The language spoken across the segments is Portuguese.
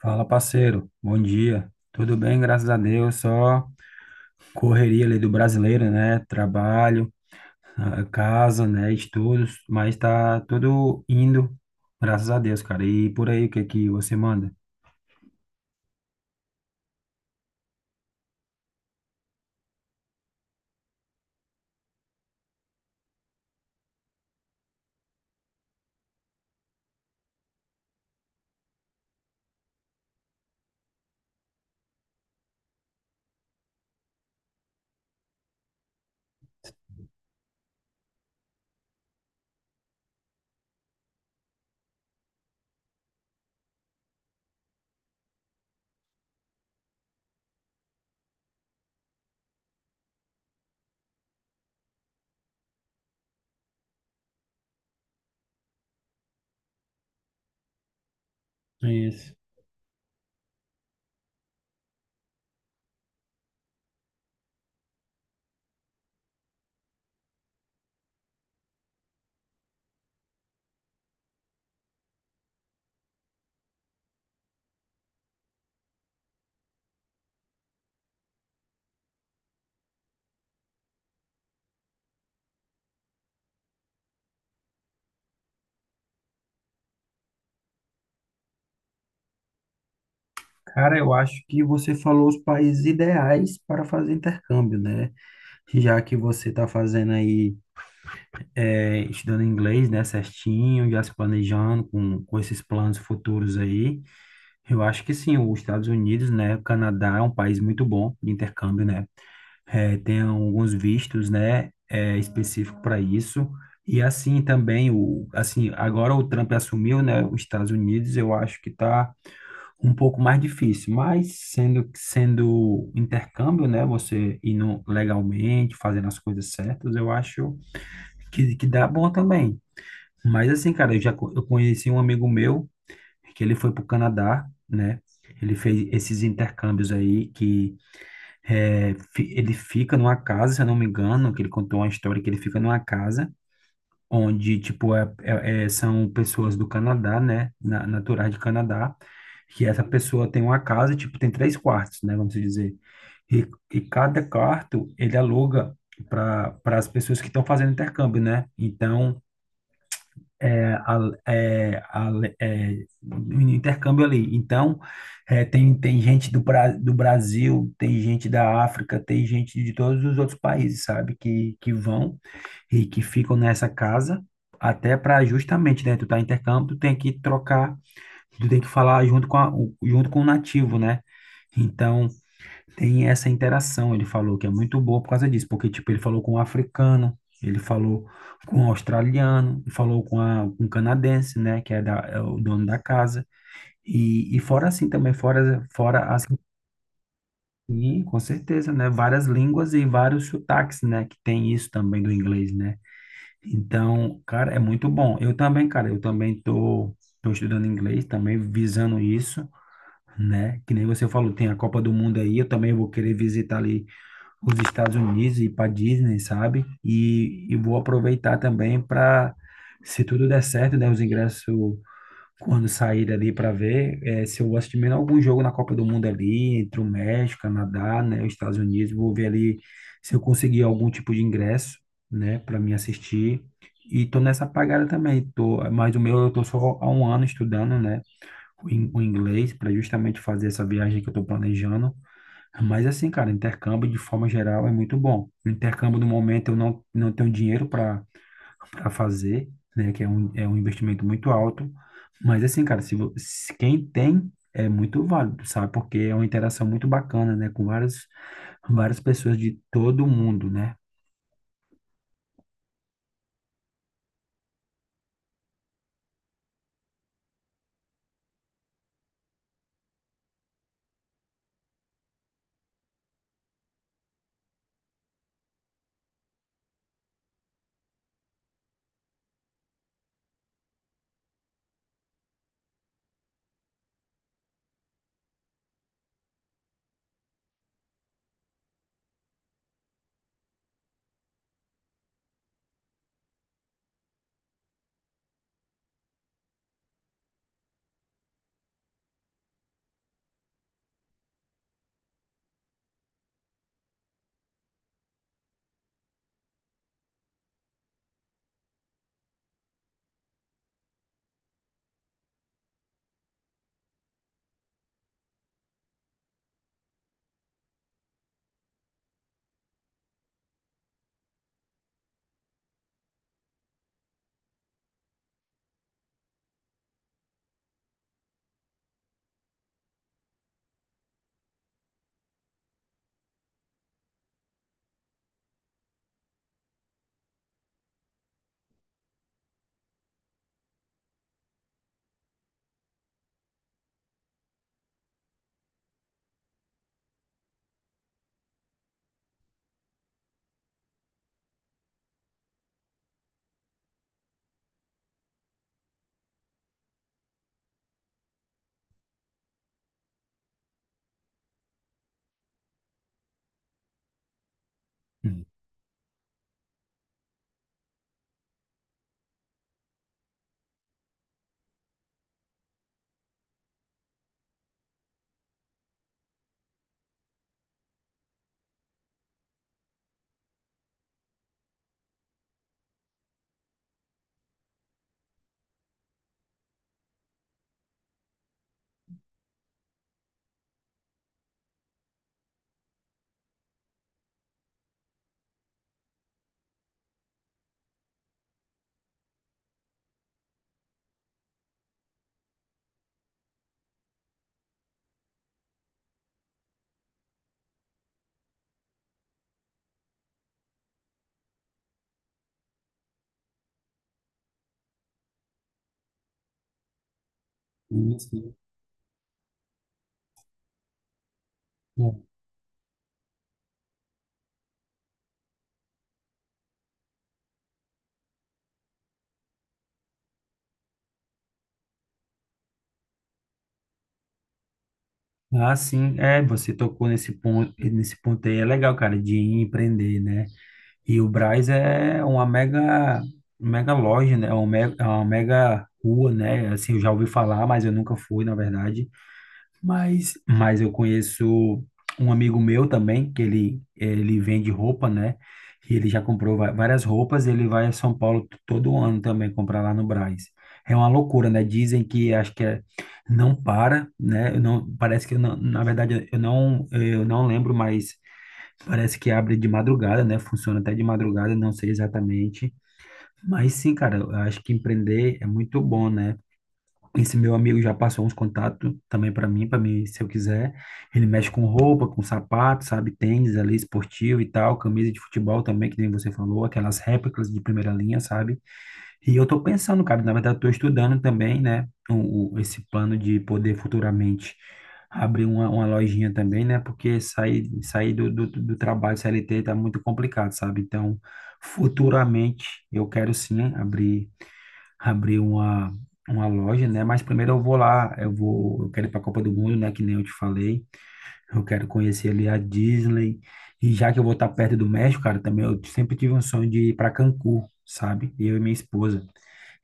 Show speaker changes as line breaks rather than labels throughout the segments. Fala, parceiro. Bom dia. Tudo bem, graças a Deus. Só correria ali do brasileiro, né? Trabalho, casa, né? Estudos, mas tá tudo indo, graças a Deus, cara. E por aí, o que que você manda? Isso. Cara, eu acho que você falou os países ideais para fazer intercâmbio, né? Já que você tá fazendo aí, estudando inglês, né, certinho, já se planejando com esses planos futuros aí. Eu acho que sim, os Estados Unidos, né? O Canadá é um país muito bom de intercâmbio, né? É, tem alguns vistos, né? É, específico para isso. E assim também, o, assim, agora o Trump assumiu, né? Os Estados Unidos, eu acho que tá um pouco mais difícil, mas sendo intercâmbio, né? Você indo legalmente, fazendo as coisas certas, eu acho que dá bom também. Mas assim, cara, eu conheci um amigo meu. É que ele foi para o Canadá, né? Ele fez esses intercâmbios aí que ele fica numa casa, se eu não me engano, que ele contou uma história que ele fica numa casa onde, tipo, são pessoas do Canadá, né? Naturais de Canadá, que essa pessoa tem uma casa, tipo, tem três quartos, né? Vamos dizer. E, e cada quarto ele aluga para as pessoas que estão fazendo intercâmbio, né? Então, a- é, a- é, o intercâmbio ali. Então, é, tem, tem gente do, do Brasil, tem gente da África, tem gente de todos os outros países, sabe? Que vão e que ficam nessa casa, até para justamente, né? Tu tá em intercâmbio, tu tem que trocar, tu tem que falar junto com o nativo, né? Então, tem essa interação, ele falou que é muito boa por causa disso, porque tipo, ele falou com um africano, ele falou com um australiano, ele falou com, a, com um canadense, né, que é, da, é o dono da casa. E fora assim também, fora assim, e, com certeza, né, várias línguas e vários sotaques, né, que tem isso também do inglês, né. Então, cara, é muito bom. Eu também, cara, tô estudando inglês, também visando isso, né, que nem você falou, tem a Copa do Mundo aí, eu também vou querer visitar ali os Estados Unidos e para Disney, sabe? E vou aproveitar também para, se tudo der certo, né, os ingressos quando sair ali para ver, se eu gosto de menos algum jogo na Copa do Mundo ali, entre o México, Canadá, né, os Estados Unidos, vou ver ali se eu conseguir algum tipo de ingresso, né, para mim assistir. E tô nessa pagada também, tô, mas o meu eu tô só há um ano estudando, né, o inglês para justamente fazer essa viagem que eu tô planejando. Mas assim, cara, intercâmbio de forma geral é muito bom. O intercâmbio no momento eu não, não tenho dinheiro para fazer, né? Que é um investimento muito alto. Mas assim, cara, se quem tem é muito válido, sabe? Porque é uma interação muito bacana, né? Com várias, várias pessoas de todo mundo, né? Hum. Sim, sim. Bom, ah, sim, é, você tocou nesse ponto aí, é legal, cara, de empreender, né? E o Brás é uma mega, mega loja, né? É uma mega rua, né? Assim, eu já ouvi falar, mas eu nunca fui, na verdade. Mas eu conheço um amigo meu também, que ele vende roupa, né? E ele já comprou várias roupas, ele vai a São Paulo todo ano também comprar lá no Brás. É uma loucura, né? Dizem que acho que é, não para, né? Eu não, parece que eu não, na verdade eu não lembro, mais parece que abre de madrugada, né? Funciona até de madrugada, não sei exatamente. Mas sim, cara, eu acho que empreender é muito bom, né? Esse meu amigo já passou uns contatos também para mim, se eu quiser. Ele mexe com roupa, com sapato, sabe? Tênis ali, esportivo e tal, camisa de futebol também, que nem você falou, aquelas réplicas de primeira linha, sabe? E eu tô pensando, cara, na verdade eu tô estudando também, né, esse plano de poder futuramente abrir uma lojinha também, né, porque sair, sair do trabalho CLT tá muito complicado, sabe? Então, futuramente eu quero sim abrir, abrir uma loja, né, mas primeiro eu vou lá, eu vou, eu quero ir pra Copa do Mundo, né, que nem eu te falei, eu quero conhecer ali a Disney, e já que eu vou estar perto do México, cara, também eu sempre tive um sonho de ir para Cancún, sabe? Eu e minha esposa.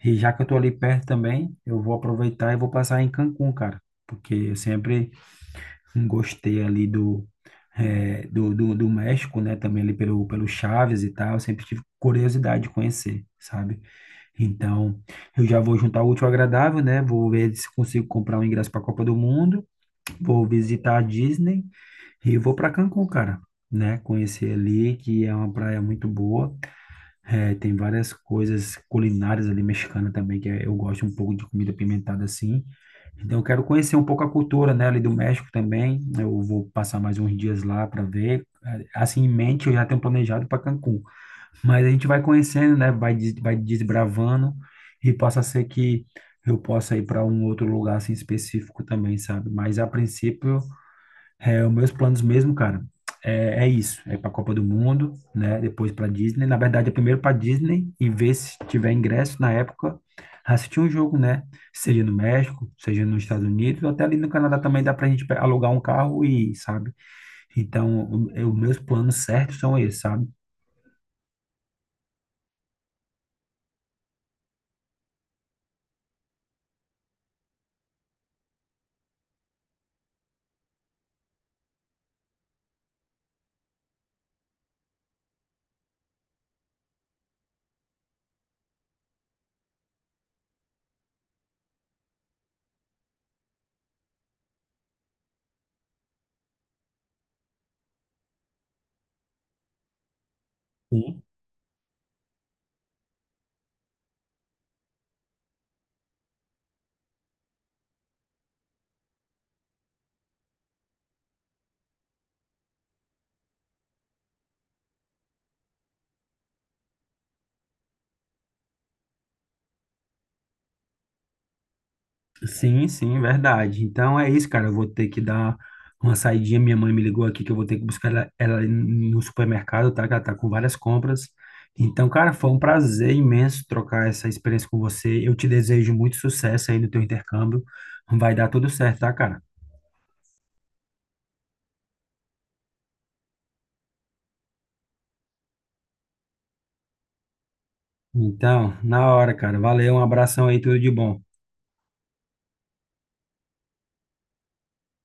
E já que eu tô ali perto também, eu vou aproveitar e vou passar em Cancún, cara, porque eu sempre gostei ali do, do México, né? Também ali pelo, pelo Chaves e tal, eu sempre tive curiosidade de conhecer, sabe? Então, eu já vou juntar o útil ao agradável, né? Vou ver se consigo comprar um ingresso para a Copa do Mundo, vou visitar a Disney e vou para Cancún, cara, né? Conhecer ali, que é uma praia muito boa. É, tem várias coisas culinárias ali mexicana também, que eu gosto um pouco de comida pimentada assim. Então eu quero conhecer um pouco a cultura, né, ali do México também. Eu vou passar mais uns dias lá para ver. É, assim, em mente, eu já tenho planejado para Cancún. Mas a gente vai conhecendo, né, vai desbravando e possa ser que eu possa ir para um outro lugar assim específico também, sabe? Mas a princípio é, os meus planos mesmo, cara, é, é isso. É para a Copa do Mundo, né? Depois para Disney. Na verdade, é primeiro para Disney e ver se tiver ingresso na época, assistir um jogo, né? Seja no México, seja nos Estados Unidos, ou até ali no Canadá também dá para a gente alugar um carro e, sabe? Então, os meus planos certos são esses, sabe? Sim, sim, verdade. Então é isso, cara. Eu vou ter que dar uma saidinha. Minha mãe me ligou aqui que eu vou ter que buscar ela, ela no supermercado, tá? Que ela tá com várias compras. Então, cara, foi um prazer imenso trocar essa experiência com você. Eu te desejo muito sucesso aí no teu intercâmbio. Vai dar tudo certo, tá, cara? Então, na hora, cara. Valeu, um abração aí, tudo de bom.